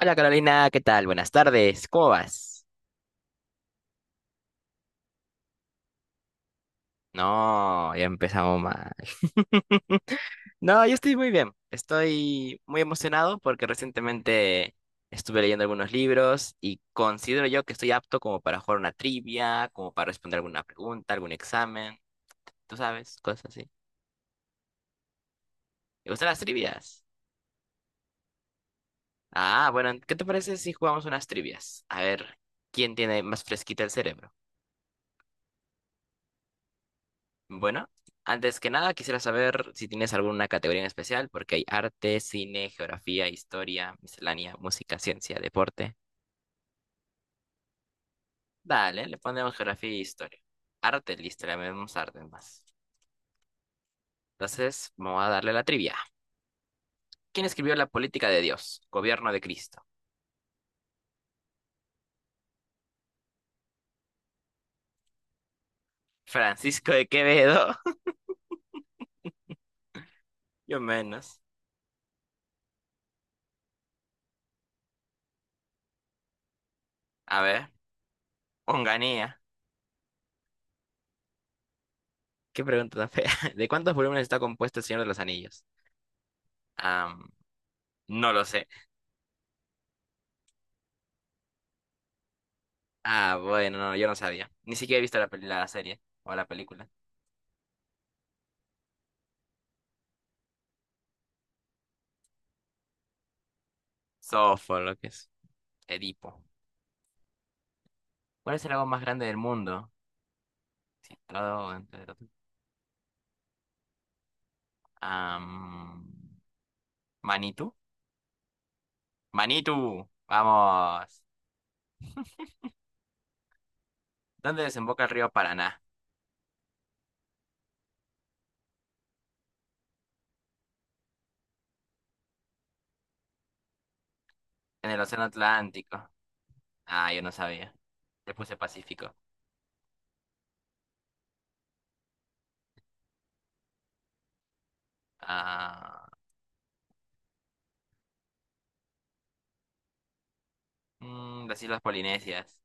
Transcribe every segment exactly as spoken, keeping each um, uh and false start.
Hola Carolina, ¿qué tal? Buenas tardes, ¿cómo vas? No, ya empezamos mal. No, yo estoy muy bien. Estoy muy emocionado porque recientemente estuve leyendo algunos libros y considero yo que estoy apto como para jugar una trivia, como para responder alguna pregunta, algún examen, tú sabes, cosas así. ¿Te gustan las trivias? Ah, bueno, ¿qué te parece si jugamos unas trivias? A ver, ¿quién tiene más fresquita el cerebro? Bueno, antes que nada quisiera saber si tienes alguna categoría en especial, porque hay arte, cine, geografía, historia, miscelánea, música, ciencia, deporte. Dale, le ponemos geografía y historia. Arte, listo, le ponemos arte más. Entonces, vamos a darle la trivia. ¿Quién escribió La política de Dios? Gobierno de Cristo. Francisco de Quevedo. Yo menos. A ver, Onganía. Qué pregunta tan fea. ¿De cuántos volúmenes está compuesto El Señor de los Anillos? Am, no lo sé. Ah, bueno, no, yo no sabía. Ni siquiera he visto la, peli- la serie o la película. Sofo, lo que es. Edipo. ¿Cuál es el lago más grande del mundo? Situado entre... los- Am, Manitu. Manitu, vamos. ¿Dónde desemboca el río Paraná? En el Océano Atlántico. Ah, yo no sabía. Le puse Pacífico. Ah, mm, las Islas Polinesias.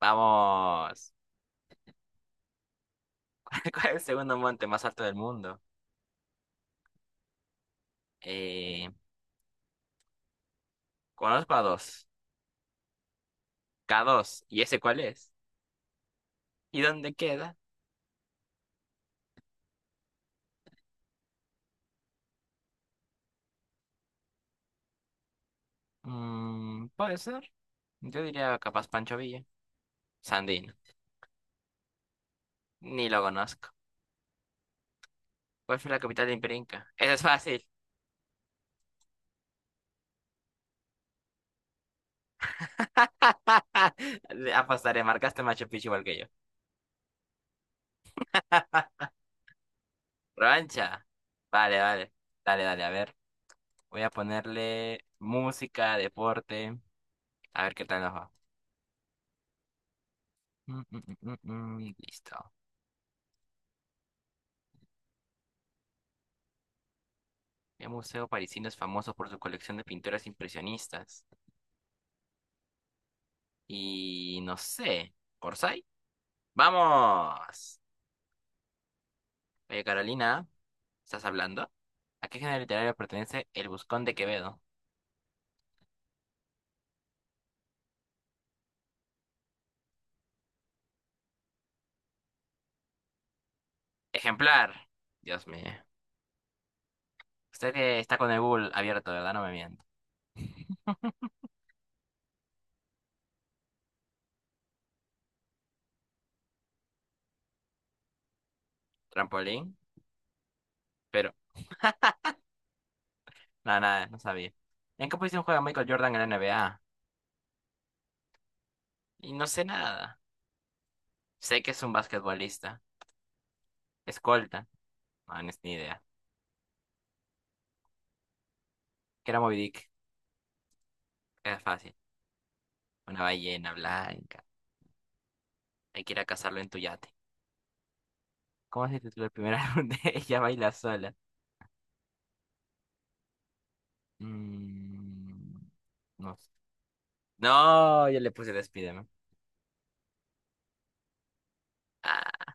Vamos. ¿Cuál, es el segundo monte más alto del mundo? Eh, conozco a dos. K dos. ¿Y ese cuál es? ¿Y dónde queda? Mm, puede ser. Yo diría capaz Pancho Villa. Sandino. Ni lo conozco. ¿Cuál fue la capital de Imperio Inca? Eso es fácil. Le apostaré, marcaste Machu Picchu igual que yo. Rancha. Vale, vale. Dale, dale, a ver. Voy a ponerle música, deporte. A ver qué tal nos va. Mm, mm, mm, mm, mm, Listo. El museo parisino es famoso por su colección de pinturas impresionistas. Y no sé. ¿Orsay? ¡Vamos! Oye, Carolina, ¿estás hablando? ¿A qué género literario pertenece El Buscón de Quevedo? Ejemplar. Dios mío. Usted que está con el Google abierto, ¿verdad? No me miento. Trampolín. Pero, nada, nada, no sabía. ¿En qué posición juega Michael Jordan en la N B A? Y no sé nada. Sé que es un basquetbolista. Escolta. No, no es ni idea. ¿Qué era Moby Dick? Era fácil. Una ballena blanca. Hay que ir a cazarlo en tu yate. ¿Cómo se titula el primer álbum de Ella Baila Sola? Mm, no sé. No, yo le puse el Spiderman. Ah.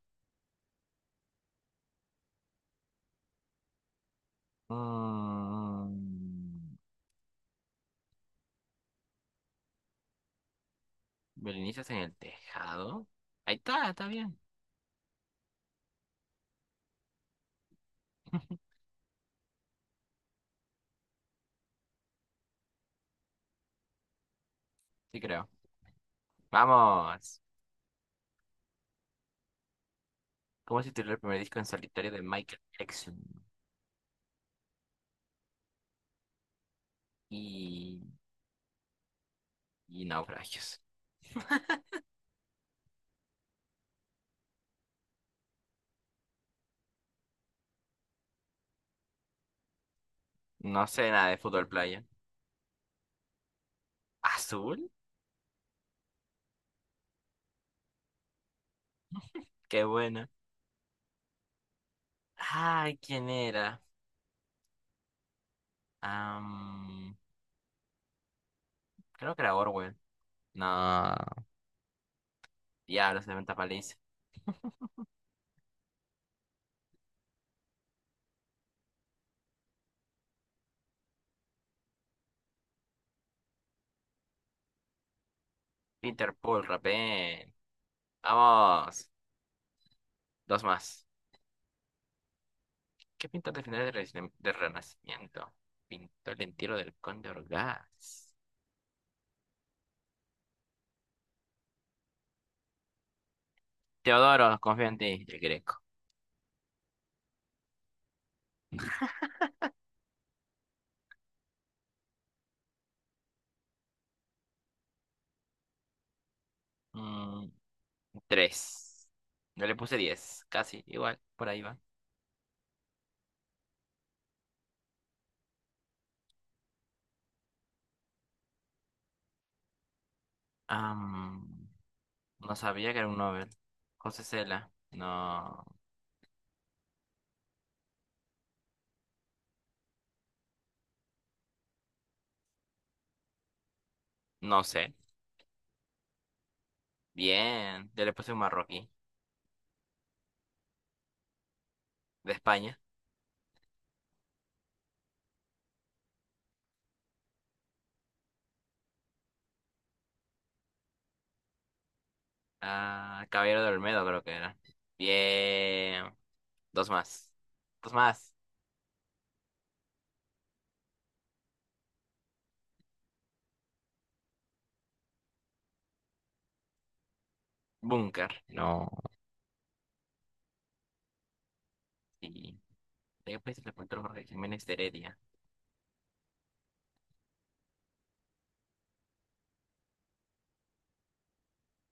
Mm, ¿Belinicias en el tejado? Ahí está, está bien. Sí creo. Vamos. ¿Cómo se titula el primer disco en solitario de Michael Jackson? Y... y naufragios. No sé nada de fútbol playa. ¿Azul? Qué buena. Ay, ¿quién era? Am, creo que era Orwell. No. Diablos, se me paliza. Peter Paul, rapé. Vamos, dos más. ¿Qué pintor de finales del Renacim- del Renacimiento? Pintó el entierro del conde Orgaz. Teodoro, confío en ti, el greco. Mm, tres. Yo le puse diez, casi, igual, por ahí va. Am, no sabía que era un Nobel. José Cela, no, no sé. Bien, yo le puse un marroquí, de España. Ah, Caballero de Olmedo creo que era. Bien, dos más. Dos más. Búnker. No. Y después le encontró Jorge Jiménez de Heredia,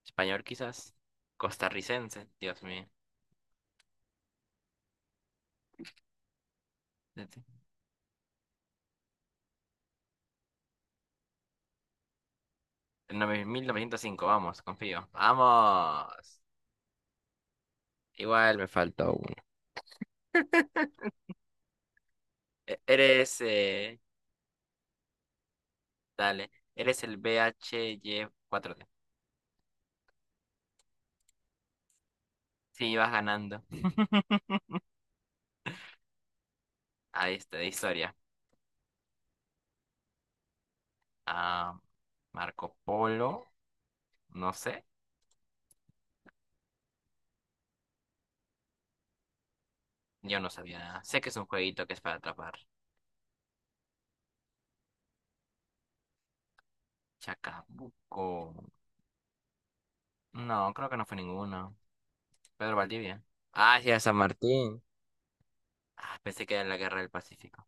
español quizás, costarricense, Dios mío. Fíjate. En nove- mil novecientos cinco, vamos, confío. ¡Vamos! Igual me faltó uno. E- Eres, eh, dale, eres el bhy cuatro d. Sí, vas ganando. Ahí está, de historia. Ah, Marco Polo, no sé. Yo no sabía nada. Sé que es un jueguito que es para atrapar. Chacabuco. No, creo que no fue ninguno. Pedro Valdivia. Ah, sí, a San Martín. Ah, pensé que era en la Guerra del Pacífico.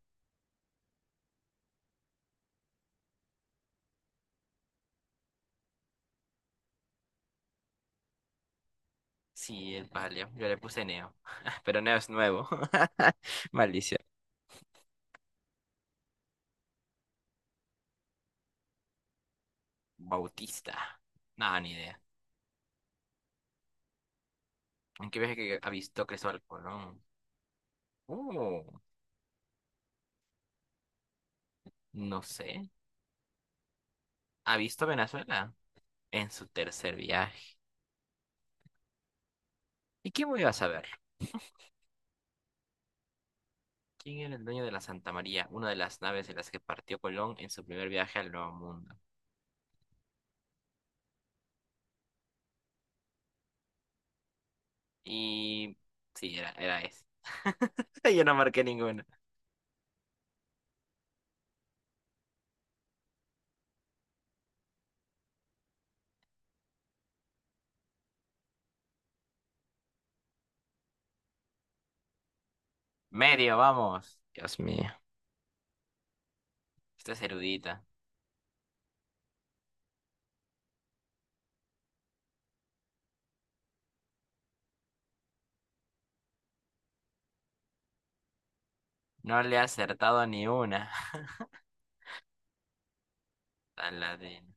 Sí, el palio. Yo le puse Neo. Pero Neo es nuevo. Malicia. Bautista. Nada, ni idea. ¿En qué viaje que ha visto Cristóbal Colón? Uh, no sé. ¿Ha visto Venezuela? En su tercer viaje. ¿Y quién voy a saber? ¿Quién era el dueño de la Santa María? Una de las naves de las que partió Colón en su primer viaje al Nuevo Mundo. Y... sí, era, era ese. Yo no marqué ninguno. Medio, vamos. Dios mío. Esta es erudita. No le ha acertado ni una. Tan ladino.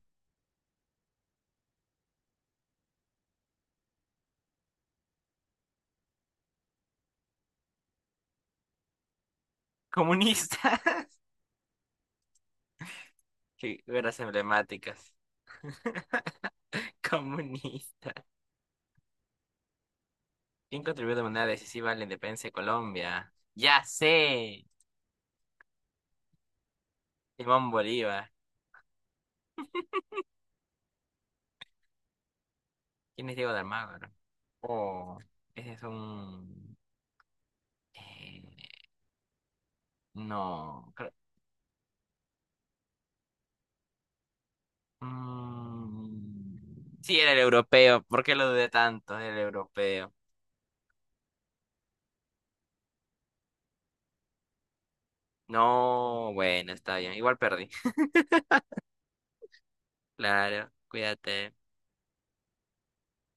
Comunistas. Figuras emblemáticas. Comunistas. ¿Quién contribuyó de manera decisiva a la independencia de Colombia? Ya sé. Simón Bolívar. ¿Quién es Diego de Almagro? Oh, ese es un... eh, no, creo... mm, sí, era el europeo. ¿Por qué lo dudé tanto? Era el europeo. No, bueno, está bien. Igual perdí. Claro, cuídate.